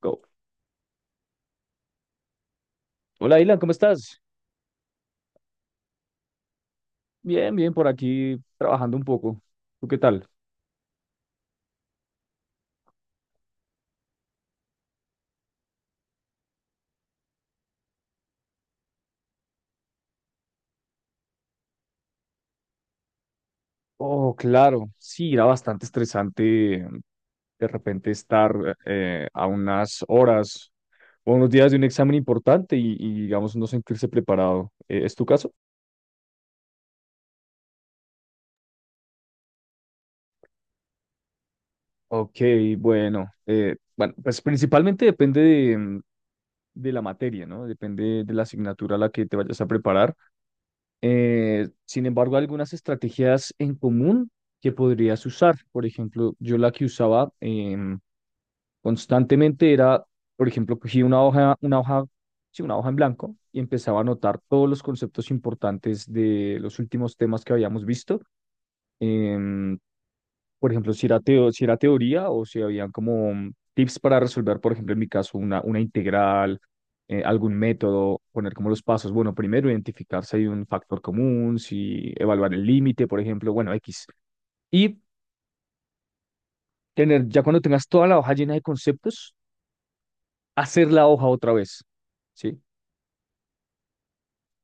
Go. Hola, Ilan, ¿cómo estás? Bien, bien, por aquí trabajando un poco. ¿Tú qué tal? Oh, claro, sí, era bastante estresante de repente estar a unas horas o unos días de un examen importante y, digamos, no sentirse preparado. ¿Es tu caso? Ok, bueno, bueno, pues principalmente depende de la materia, ¿no? Depende de la asignatura a la que te vayas a preparar. Sin embargo, algunas estrategias en común que podrías usar. Por ejemplo, yo la que usaba constantemente era, por ejemplo, cogía una hoja, sí, una hoja en blanco y empezaba a anotar todos los conceptos importantes de los últimos temas que habíamos visto. Em, por ejemplo, si era teoría o si habían como tips para resolver, por ejemplo, en mi caso, una integral, algún método, poner como los pasos. Bueno, primero identificar si hay un factor común, si evaluar el límite, por ejemplo, bueno, X. Y tener, ya cuando tengas toda la hoja llena de conceptos, hacer la hoja otra vez, ¿sí?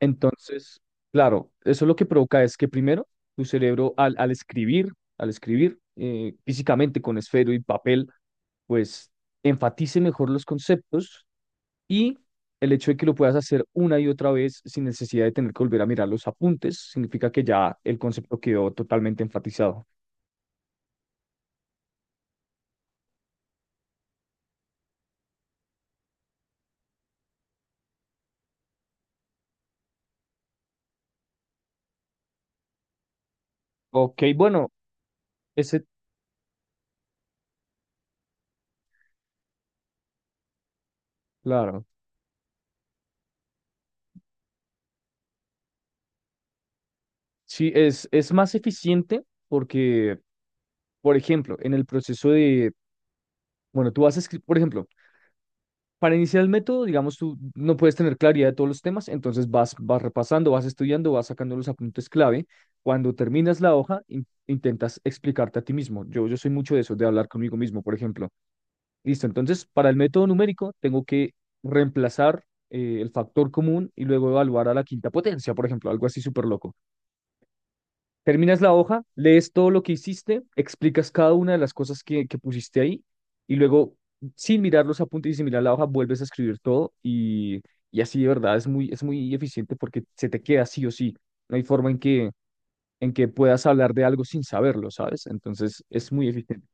Entonces, claro, eso lo que provoca es que primero tu cerebro al escribir físicamente con esfero y papel, pues enfatice mejor los conceptos y el hecho de que lo puedas hacer una y otra vez sin necesidad de tener que volver a mirar los apuntes, significa que ya el concepto quedó totalmente enfatizado. Ok, bueno, ese, claro, sí, es más eficiente porque, por ejemplo, en el proceso de, bueno, tú vas a escribir, por ejemplo, para iniciar el método, digamos, tú no puedes tener claridad de todos los temas, entonces vas repasando, vas estudiando, vas sacando los apuntes clave. Cuando terminas la hoja, intentas explicarte a ti mismo. Yo soy mucho de eso, de hablar conmigo mismo, por ejemplo. Listo, entonces, para el método numérico, tengo que reemplazar el factor común y luego evaluar a la quinta potencia, por ejemplo, algo así súper loco. Terminas la hoja, lees todo lo que hiciste, explicas cada una de las cosas que pusiste ahí y luego, sin mirar los apuntes y sin mirar la hoja, vuelves a escribir todo y así de verdad es muy eficiente porque se te queda sí o sí. No hay forma en que puedas hablar de algo sin saberlo, ¿sabes? Entonces es muy eficiente.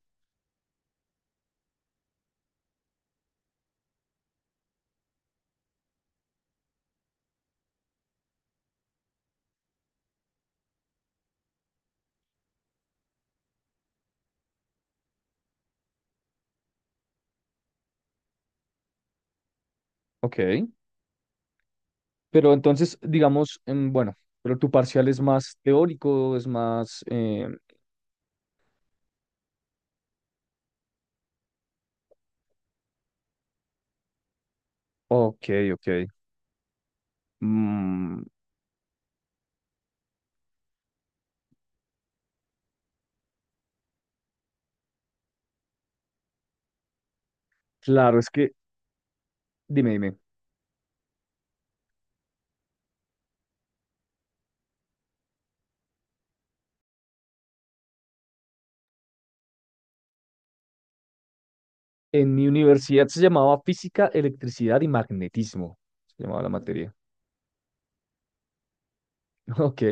Ok, pero entonces, digamos, bueno, pero tu parcial es más teórico, es más, ok, ok. Mm, claro, es que, dime, dime. En mi universidad se llamaba física, electricidad y magnetismo. Se llamaba la materia. Ok.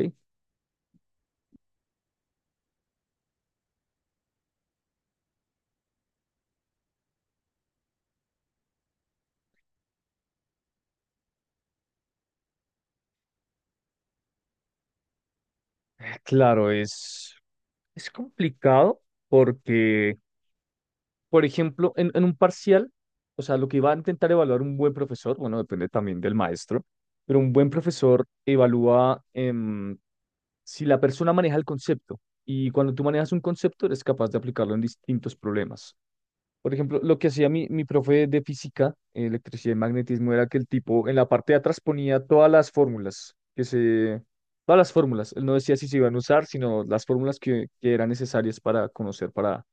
Claro, es complicado porque, por ejemplo, en un parcial, o sea, lo que va a intentar evaluar un buen profesor, bueno, depende también del maestro, pero un buen profesor evalúa si la persona maneja el concepto. Y cuando tú manejas un concepto, eres capaz de aplicarlo en distintos problemas. Por ejemplo, lo que hacía mi profe de física, electricidad y magnetismo, era que el tipo en la parte de atrás ponía todas las fórmulas. Él no decía si se iban a usar, sino las fórmulas que eran necesarias para conocer, para,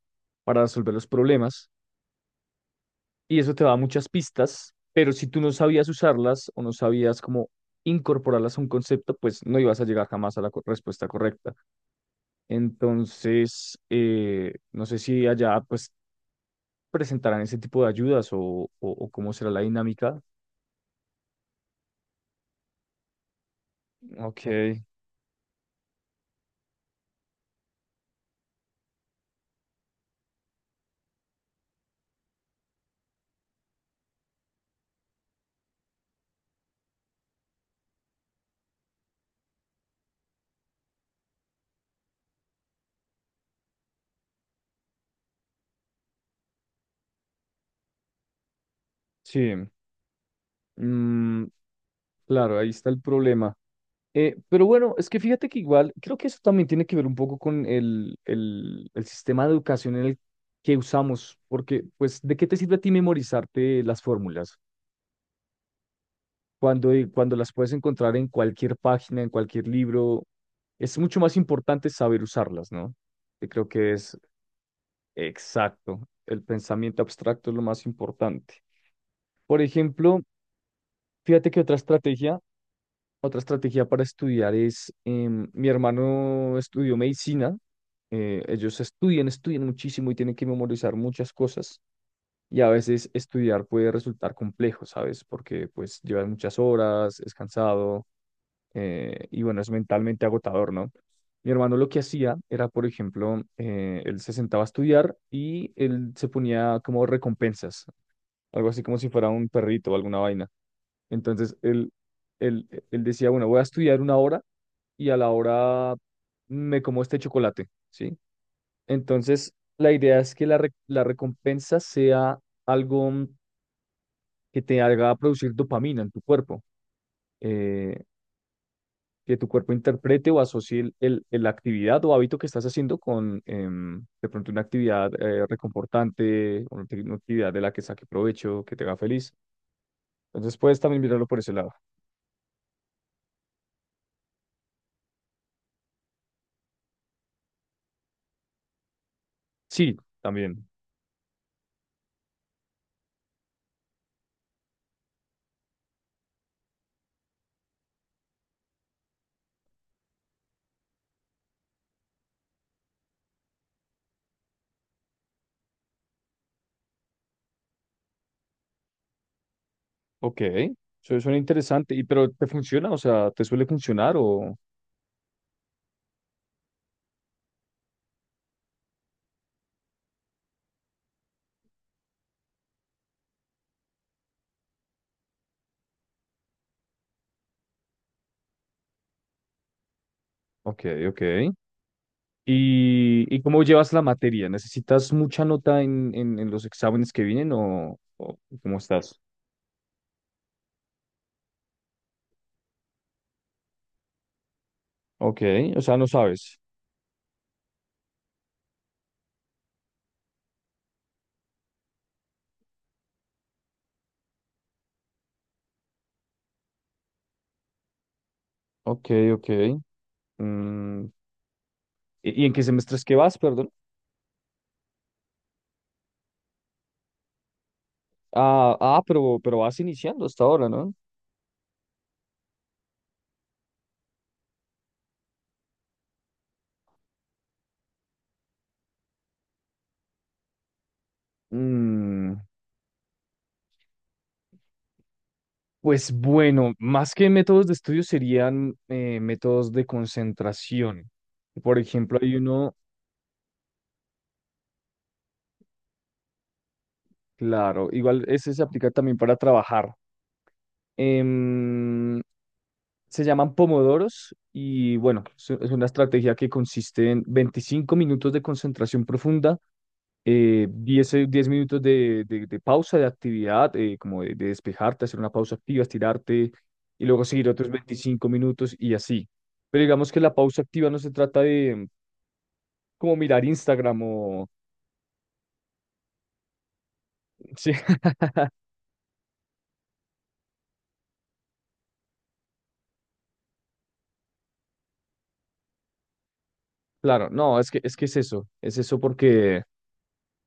para resolver los problemas. Y eso te da muchas pistas, pero si tú no sabías usarlas o no sabías cómo incorporarlas a un concepto, pues no ibas a llegar jamás a la respuesta correcta. Entonces, no sé si allá pues presentarán ese tipo de ayudas o cómo será la dinámica. Ok, sí. Mm, claro, ahí está el problema. Pero bueno, es que fíjate que igual, creo que eso también tiene que ver un poco con el sistema de educación en el que usamos, porque pues, ¿de qué te sirve a ti memorizarte las fórmulas? Cuando las puedes encontrar en cualquier página, en cualquier libro, es mucho más importante saber usarlas, ¿no? Que creo que es exacto. El pensamiento abstracto es lo más importante. Por ejemplo, fíjate que otra estrategia para estudiar es, mi hermano estudió medicina, ellos estudian muchísimo y tienen que memorizar muchas cosas y a veces estudiar puede resultar complejo, ¿sabes? Porque pues llevas muchas horas, es cansado y bueno, es mentalmente agotador, ¿no? Mi hermano lo que hacía era, por ejemplo, él se sentaba a estudiar y él se ponía como recompensas, algo así como si fuera un perrito o alguna vaina. Entonces él decía, bueno, voy a estudiar una hora y a la hora me como este chocolate, ¿sí? Entonces la idea es que la recompensa sea algo, que te haga producir dopamina en tu cuerpo, eh, que tu cuerpo interprete o asocie la actividad o hábito que estás haciendo con, de pronto una actividad reconfortante, una actividad de la que saque provecho, que te haga feliz. Entonces puedes también mirarlo por ese lado. Sí, también. Ok, eso suena interesante. ¿Y pero te funciona? O sea, ¿te suele funcionar o...? Ok, ok. ¿Y cómo llevas la materia? ¿Necesitas mucha nota en los exámenes que vienen o cómo estás? Ok, o sea, no sabes. Ok, ok. Mm, ¿y en qué semestres que vas, perdón? Ah, ah, pero vas iniciando hasta ahora, ¿no? Mm, pues bueno, más que métodos de estudio serían métodos de concentración. Por ejemplo, hay uno. Claro, igual ese se aplica también para trabajar. Em, Se llaman pomodoros y bueno, es una estrategia que consiste en 25 minutos de concentración profunda, 10 10 minutos de pausa de actividad, como de despejarte, hacer una pausa activa, estirarte y luego seguir otros 25 minutos y así. Pero digamos que la pausa activa no se trata de como mirar Instagram o... Sí, claro, no, es que es eso porque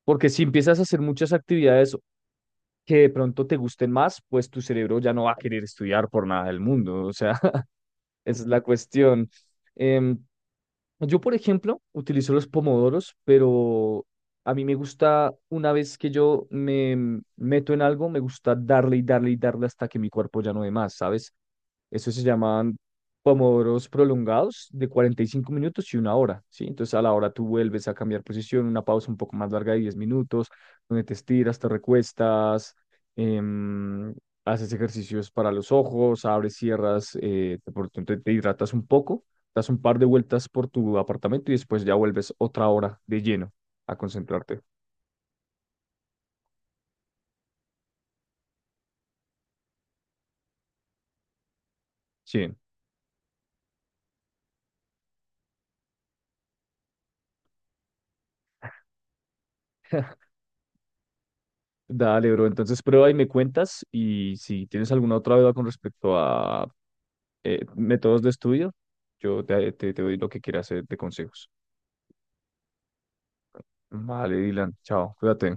Porque si empiezas a hacer muchas actividades que de pronto te gusten más, pues tu cerebro ya no va a querer estudiar por nada del mundo. O sea, esa es la cuestión. Em, yo, por ejemplo, utilizo los pomodoros, pero a mí me gusta, una vez que yo me meto en algo, me gusta darle y darle y darle hasta que mi cuerpo ya no dé más, ¿sabes? Eso se llaman pomodoros prolongados de 45 minutos y una hora, ¿sí? Entonces a la hora tú vuelves a cambiar posición, una pausa un poco más larga de 10 minutos, donde te estiras, te recuestas, em, haces ejercicios para los ojos, abres, cierras, te, por tanto, te hidratas un poco, das un par de vueltas por tu apartamento y después ya vuelves otra hora de lleno a concentrarte. Sí. Dale, bro. Entonces prueba y me cuentas y si tienes alguna otra duda con respecto a métodos de estudio. Yo te doy lo que quieras de consejos. Vale, Dylan, chao, cuídate.